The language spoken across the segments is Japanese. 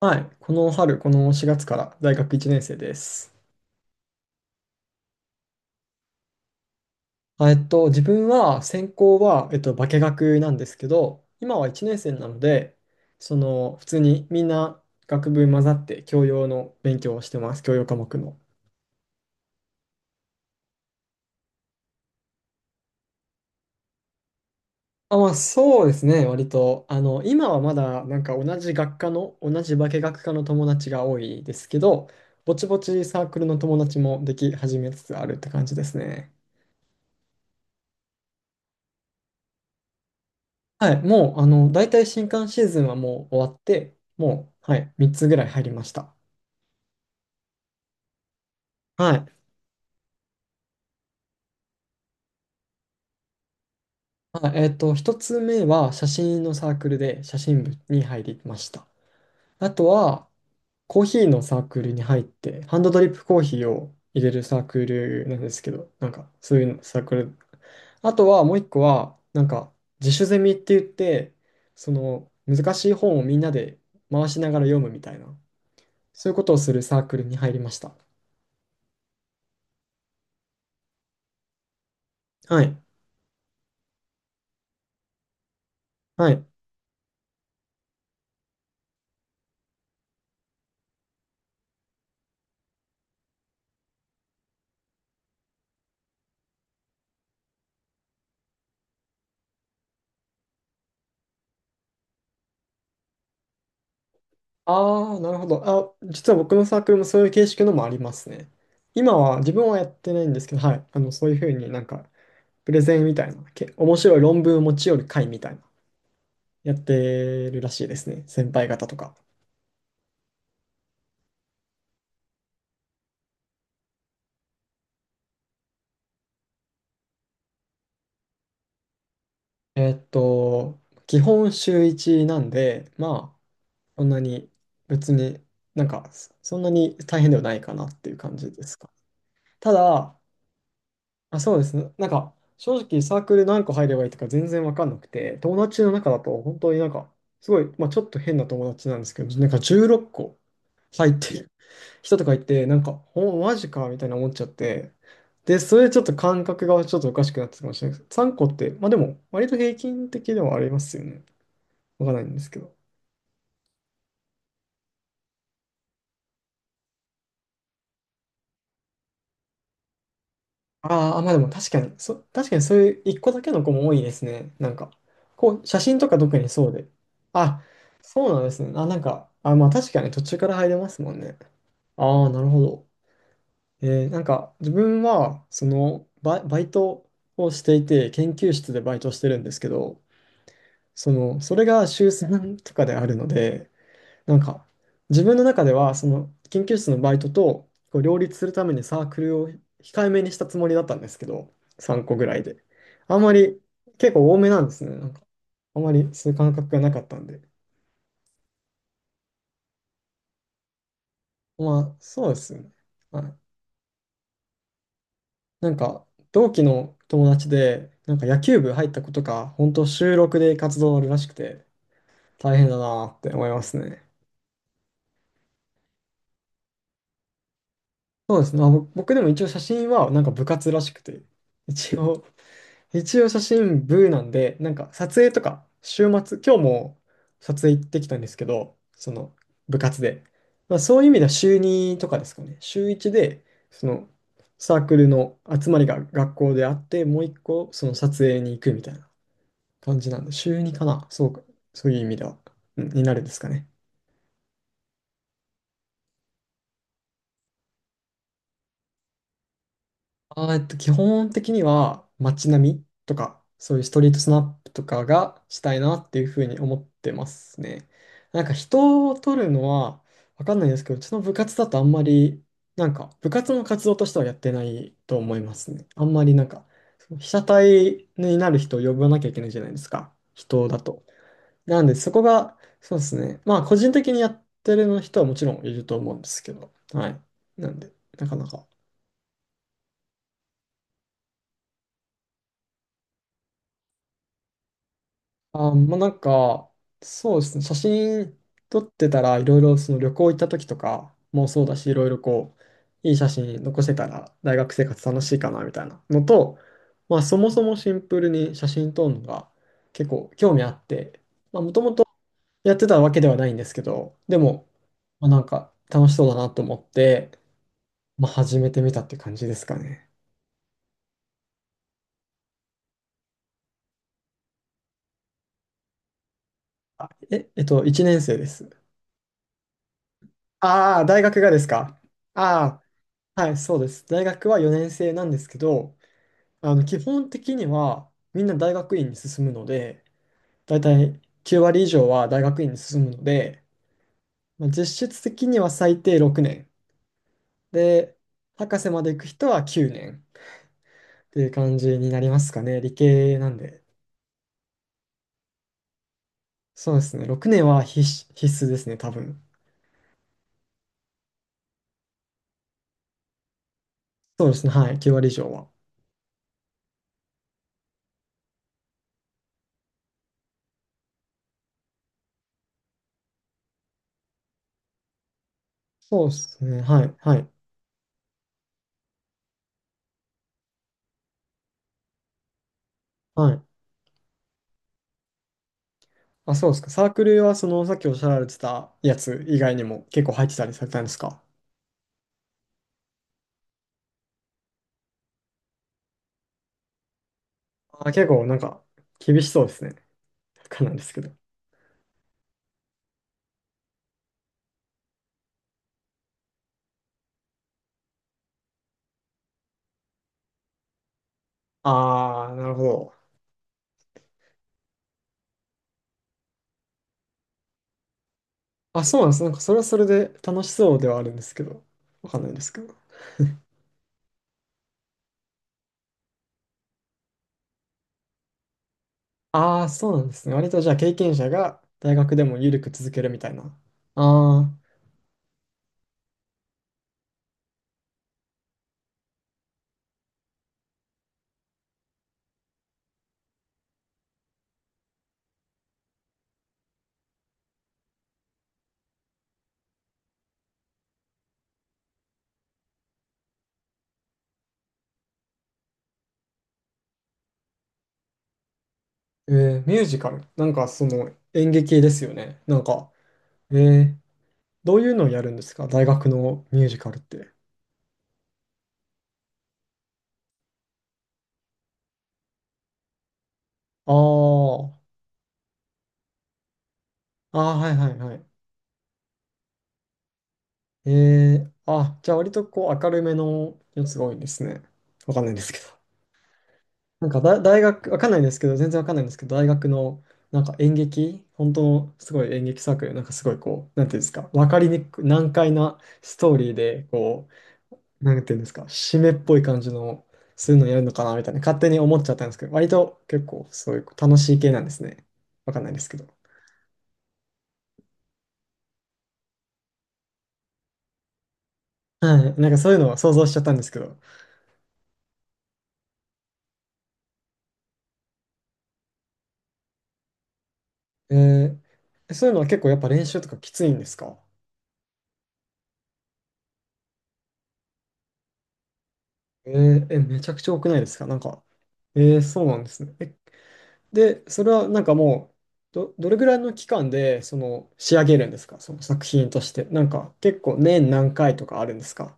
はい。この春、この4月から大学1年生です。自分は、専攻は、化学なんですけど、今は1年生なので、その、普通にみんな学部混ざって教養の勉強をしてます。教養科目の。あ、まあ、そうですね。割と、今はまだ、なんか同じ学科の、同じ化学科の友達が多いですけど、ぼちぼちサークルの友達もでき始めつつあるって感じですね。はい、もう、大体新刊シーズンはもう終わって、もう、はい、3つぐらい入りました。はい。1つ目は写真のサークルで写真部に入りました。あとは、コーヒーのサークルに入って、ハンドドリップコーヒーを入れるサークルなんですけど、なんか、そういうサークル。あとは、もう一個は、なんか、自主ゼミって言って、その、難しい本をみんなで回しながら読むみたいな、そういうことをするサークルに入りました。はい。はい。ああ、なるほど。あ、実は僕のサークルもそういう形式のもありますね。今は自分はやってないんですけど、はい。そういうふうになんか、プレゼンみたいな、面白い論文を持ち寄る会みたいな、やってるらしいですね。先輩方とか。えーっと、基本週一なんで、まあ、そんなに別になんか、そんなに大変ではないかなっていう感じですか。ただ、あ、そうですね。なんか、正直サークル何個入ればいいとか全然わかんなくて、友達の中だと本当になんか、すごい、まあちょっと変な友達なんですけど、なんか16個入ってる人とかいて、なんか、マジかみたいな思っちゃって、で、それちょっと感覚がちょっとおかしくなってたかもしれないです。3個って、まあでも、割と平均的ではありますよね。わかんないんですけど。ああ、まあでも確かに、確かにそういう一個だけの子も多いですね。なんか、こう、写真とか特にそうで。あ、そうなんですね。あ、なんか、あ、まあ確かに途中から入れますもんね。ああ、なるほど。なんか、自分は、その、バイトをしていて、研究室でバイトしてるんですけど、その、それが週3とかであるので、なんか、自分の中では、その研究室のバイトとこう両立するためにサークルを控えめにしたつもりだったんですけど、3個ぐらいで。あんまり、結構多めなんですね。なんか、あんまりそういう感覚がなかったんで。まあ、そうですよね。はい。なんか、同期の友達で、なんか野球部入った子とか、本当週録で活動あるらしくて、大変だなって思いますね。そうですね。まあ僕でも一応写真はなんか部活らしくて、一応一応写真部なんで、なんか撮影とか、週末、今日も撮影行ってきたんですけど、その部活で。まあそういう意味では週2とかですかね。週1で、そのサークルの集まりが学校であって、もう一個その撮影に行くみたいな感じなんで、週2かな。そうか、そういう意味では、うんになるんですかね。基本的には街並みとか、そういうストリートスナップとかがしたいなっていうふうに思ってますね。なんか人を撮るのはわかんないですけど、うちの部活だとあんまり、なんか部活の活動としてはやってないと思いますね。あんまりなんか、被写体になる人を呼ばなきゃいけないじゃないですか。人だと。なんでそこが、そうですね。まあ個人的にやってる人はもちろんいると思うんですけど、はい。なんで、なかなか。あ、まあ、なんか、そうですね、写真撮ってたら、いろいろその旅行行った時とかもそうだし、いろいろこう、いい写真残せたら、大学生活楽しいかなみたいなのと、まあ、そもそもシンプルに写真撮るのが結構興味あって、まあ、もともとやってたわけではないんですけど、でも、まあ、なんか楽しそうだなと思って、まあ、始めてみたって感じですかね。え、1年生です。ああ、大学がですか。ああ。はい、そうです。大学は4年生なんですけど、基本的にはみんな大学院に進むので、だいたい9割以上は大学院に進むので、まあ、実質的には最低6年。で、博士まで行く人は9年っていう感じになりますかね。理系なんで。そうですね。6年は必須、必須ですね、多分。そうですね。はい。9割以上は。そうですね。はい。はい。はい。あ、そうですか。サークルはそのさっきおっしゃられてたやつ以外にも結構入ってたりされたんですか？あ、結構なんか厳しそうですね。わかんないんですけど。ああ、なるほど。あ、そうなんです。なんかそれはそれで楽しそうではあるんですけど、わかんないんですけど。ああ、そうなんですね。割とじゃあ経験者が大学でも緩く続けるみたいな。ああ、えミュージカル。なんかその演劇ですよね。なんか、えーどういうのをやるんですか大学のミュージカルって？ああ、ああ、はいはいはい。あ、じゃあ割とこう明るめのやつが多いんですね。わかんないんですけど。なんか大学、わかんないんですけど、全然わかんないんですけど、大学のなんか演劇、本当のすごい演劇サークル、なんかすごいこう、なんていうんですか、わかりにくい、難解なストーリーで、こう、なんていうんですか、締めっぽい感じの、そういうのやるのかなみたいな、勝手に思っちゃったんですけど、割と結構そういう楽しい系なんですね。わかんないですけど。はい、なんかそういうのは想像しちゃったんですけど、えーそういうのは結構やっぱ練習とかきついんですか？えーえ、めちゃくちゃ多くないですかなんか？そうなんですね。で、それはなんかもう、どれぐらいの期間でその仕上げるんですかその作品として。なんか結構年何回とかあるんですか？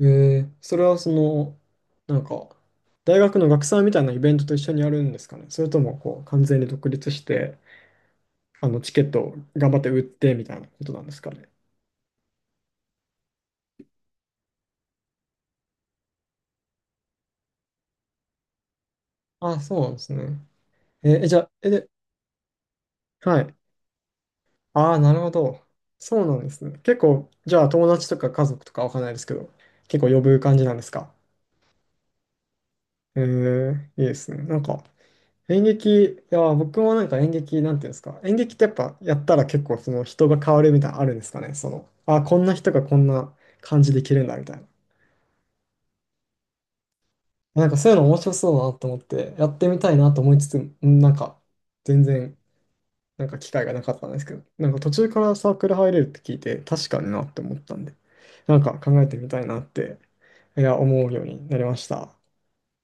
えそれはその、なんか、大学の学祭みたいなイベントと一緒にやるんですかね、それともこう完全に独立して、あのチケットを頑張って売ってみたいなことなんですかね？あ、そうなんですね。じゃあ、で、はい。ああ、なるほど。そうなんですね。結構、じゃあ友達とか家族とかわかんないですけど、結構呼ぶ感じなんですか？いいですね。なんか、演劇、いや、僕もなんか演劇、なんていうんですか、演劇ってやっぱやったら結構その人が変わるみたいなのあるんですかね。その、あ、こんな人がこんな感じできるんだみたいな。なんかそういうの面白そうだなと思って、やってみたいなと思いつつ、なんか、全然、なんか機会がなかったんですけど、なんか途中からサークル入れるって聞いて、確かになって思ったんで、なんか考えてみたいなって、いや、思うようになりました。